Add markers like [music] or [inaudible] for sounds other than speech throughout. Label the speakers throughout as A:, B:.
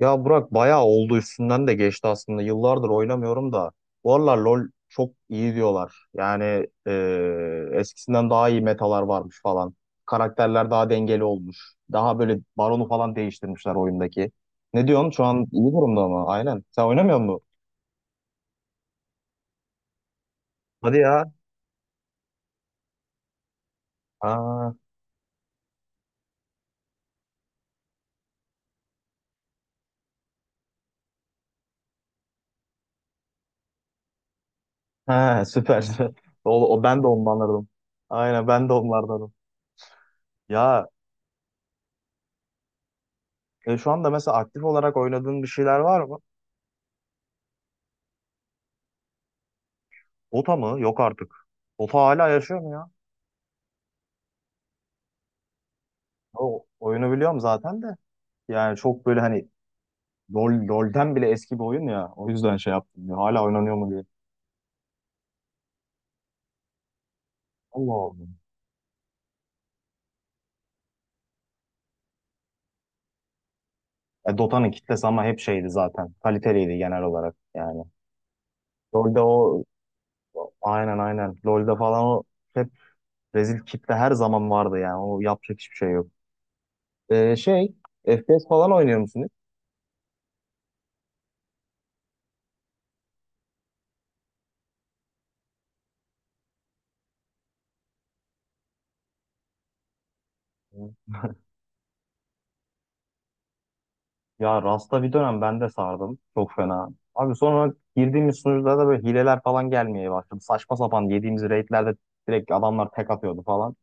A: Ya Burak bayağı oldu üstünden de geçti aslında. Yıllardır oynamıyorum da. Bu aralar LoL çok iyi diyorlar. Eskisinden daha iyi metalar varmış falan. Karakterler daha dengeli olmuş. Daha böyle baronu falan değiştirmişler oyundaki. Ne diyorsun? Şu an iyi durumda mı? Aynen. Sen oynamıyor musun? Hadi ya. Aa, he, süper. [laughs] Ben de ondanlardım. Aynen ben de onlardanım. Ya Şu anda mesela aktif olarak oynadığın bir şeyler var mı? Ota mı? Yok artık. Ota hala yaşıyor mu ya? O oyunu biliyorum zaten de. Yani çok böyle hani LoL'den bile eski bir oyun ya. O yüzden şey yaptım. Ya, hala oynanıyor mu diye. Allah Allah. E, Dota'nın kitlesi ama hep şeydi zaten. Kaliteliydi genel olarak yani. LoL'de o aynen aynen. LoL'de falan o hep rezil kitle her zaman vardı yani. O yapacak hiçbir şey yok. E, şey FPS falan oynuyor musun? Hiç? Ya Rasta bir dönem ben de sardım. Çok fena. Abi sonra girdiğimiz sunucularda da böyle hileler falan gelmeye başladı. Saçma sapan yediğimiz raidlerde direkt adamlar tek atıyordu falan.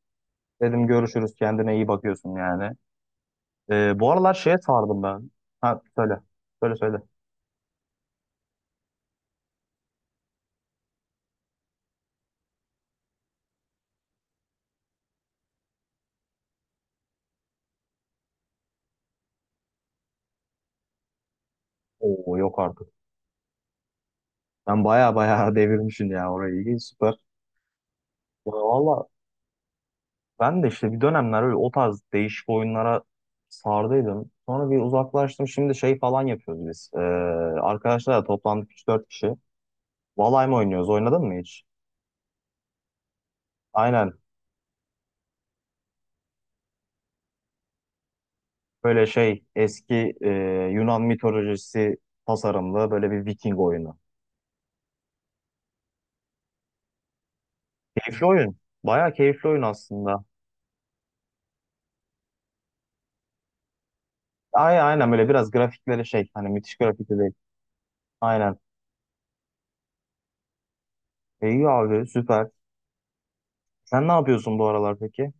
A: Dedim görüşürüz kendine iyi bakıyorsun yani. Bu aralar şeye sardım ben. Ha söyle. Söyle söyle. Oo yok artık. Ben baya baya [laughs] devirmişim ya orayı. İyi, süper. Ya valla ben de işte bir dönemler öyle o tarz değişik oyunlara sardıydım. Sonra bir uzaklaştım. Şimdi şey falan yapıyoruz biz. Arkadaşlarla toplandık üç dört kişi. Valay mı oynuyoruz. Oynadın mı hiç? Aynen. Böyle şey eski Yunan mitolojisi tasarımlı böyle bir Viking oyunu. Keyifli oyun. Bayağı keyifli oyun aslında. Ay, aynen böyle biraz grafikleri şey hani müthiş grafikli değil. Aynen. E, iyi abi süper. Sen ne yapıyorsun bu aralar peki?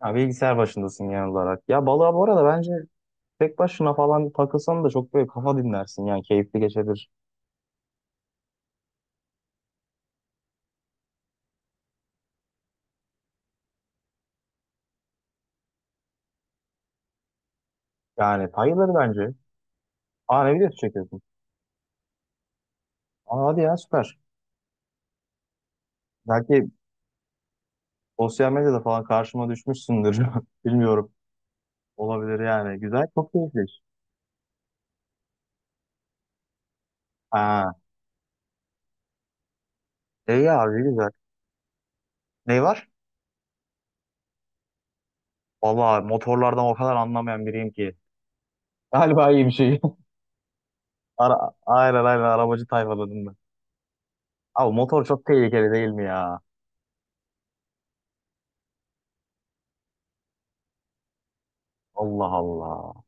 A: Ha, bilgisayar başındasın genel olarak. Ya balığa bu arada bence tek başına falan takılsan da çok böyle kafa dinlersin. Yani keyifli geçebilir. Yani bayılır bence. Aa ne video çekiyorsun? Aa hadi ya süper. Belki sosyal medyada falan karşıma düşmüşsündür. [laughs] Bilmiyorum. Olabilir yani. Güzel. Çok keyifli. Ha. İyi abi güzel. Ne var? Vallahi motorlardan o kadar anlamayan biriyim ki. Galiba iyi bir şey. [laughs] Aynen aynen arabacı tayfaladım ben. Abi motor çok tehlikeli değil mi ya? Allah Allah.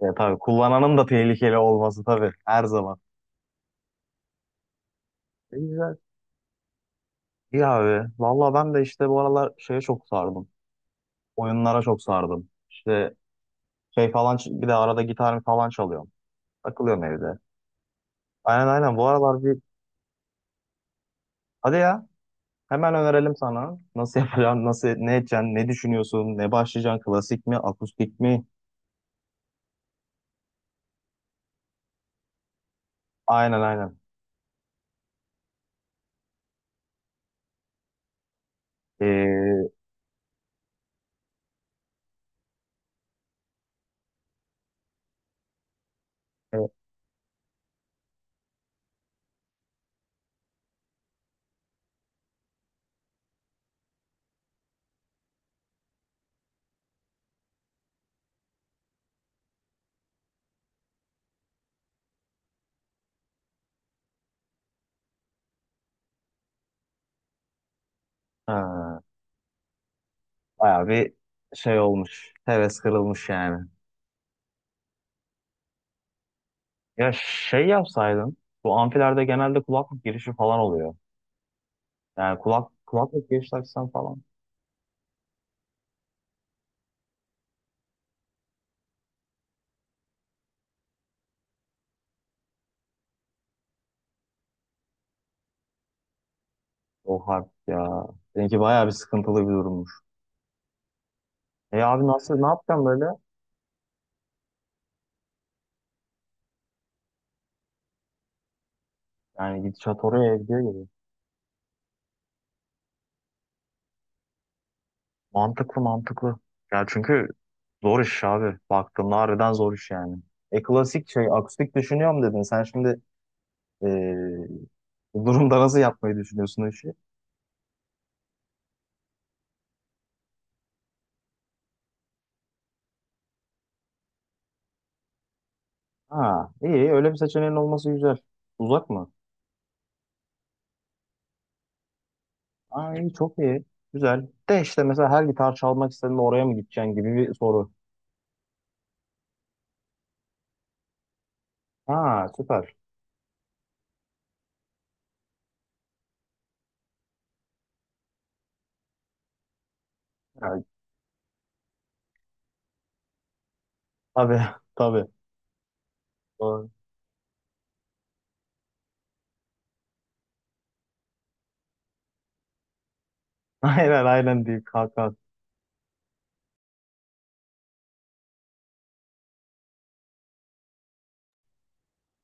A: Ya tabii kullananın da tehlikeli olması tabii. Her zaman. E, güzel. İyi abi. Vallahi ben de işte bu aralar şeye çok sardım. Oyunlara çok sardım. İşte şey falan bir de arada gitar falan çalıyorum. Takılıyorum evde. Aynen aynen bu aralar bir hadi ya hemen önerelim sana. Nasıl [laughs] yapacaksın, nasıl ne edeceksin, ne düşünüyorsun, ne başlayacaksın, klasik mi, akustik mi? Aynen aynen. Ee, e, ha, bayağı bir şey olmuş. Heves kırılmış yani. Ya şey yapsaydın bu amfilerde genelde kulaklık girişi falan oluyor. Yani kulaklık giriş taksan falan. O harp ya. Seninki bayağı bir sıkıntılı bir durummuş. E abi nasıl ne yapacaksın böyle? Yani gidişat oraya gidiyor gibi. Mantıklı mantıklı. Ya çünkü zor iş abi. Baktığımda harbiden zor iş yani. E klasik şey akustik düşünüyorum dedin. Sen şimdi e, bu durumda nasıl yapmayı düşünüyorsun o işi? Ha iyi öyle bir seçeneğin olması güzel. Uzak mı? Ha iyi çok iyi. Güzel. De işte mesela her gitar çalmak istediğinde oraya mı gideceksin gibi bir soru. Ha süper. Ya, tabii [laughs] tabii. Doğru. [laughs] Aynen aynen deyip kalk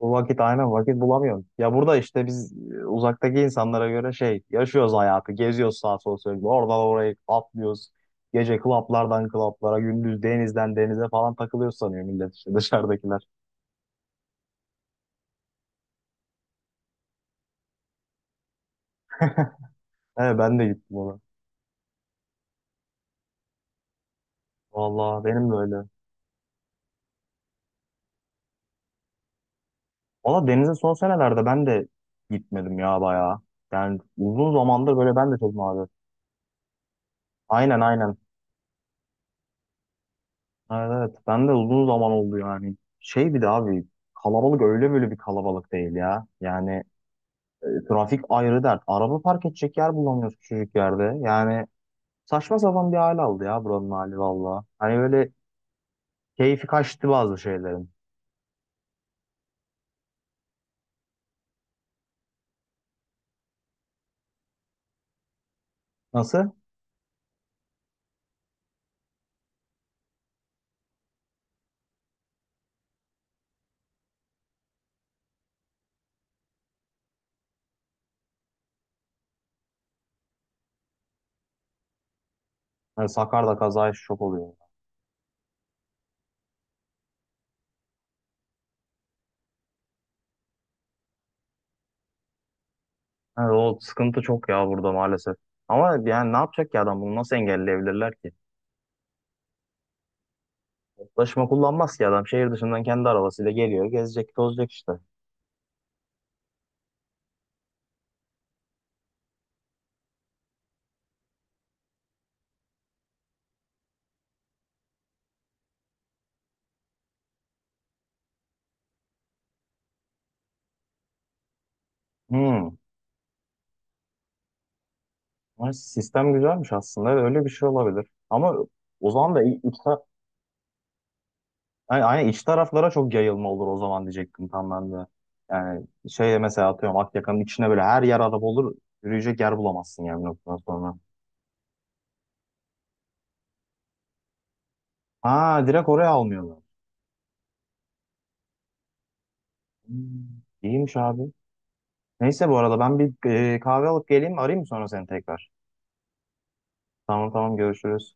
A: bu vakit aynen vakit bulamıyorum. Ya burada işte biz uzaktaki insanlara göre şey yaşıyoruz hayatı. Geziyoruz sağa sola sürekli. Oradan oraya atlıyoruz. Gece klaplardan klaplara, gündüz denizden denize falan takılıyoruz sanıyor millet işte [laughs] dışarıdakiler. Evet ben de gittim ona. Vallahi benim de öyle. Valla denize son senelerde ben de gitmedim ya bayağı. Yani uzun zamandır böyle ben de çok nadir. Aynen aynen. Evet, evet. Ben de uzun zaman oldu yani. Şey bir de abi kalabalık öyle böyle bir kalabalık değil ya. Yani trafik ayrı dert. Araba park edecek yer bulamıyoruz küçücük yerde. Yani saçma sapan bir hal aldı ya buranın hali valla. Hani böyle keyfi kaçtı bazı şeylerin. Nasıl? Hani Sakarya'da kazaya şok oluyor. Yani o sıkıntı çok ya burada maalesef. Ama yani ne yapacak ki adam bunu nasıl engelleyebilirler ki? Taşıma kullanmaz ki adam. Şehir dışından kendi arabasıyla geliyor, gezecek, tozacak işte. Hmm. Ay, sistem güzelmiş aslında. Öyle bir şey olabilir. Ama o zaman da yani aynen iç taraflara çok yayılma olur o zaman diyecektim tam ben de. Yani şey mesela atıyorum Akyaka'nın içine böyle her yer araba olur. Yürüyecek yer bulamazsın yani bir noktadan sonra. Ha direkt oraya almıyorlar. Hmm, İyiymiş abi. Neyse bu arada ben bir kahve alıp geleyim arayayım mı sonra seni tekrar? Tamam tamam görüşürüz.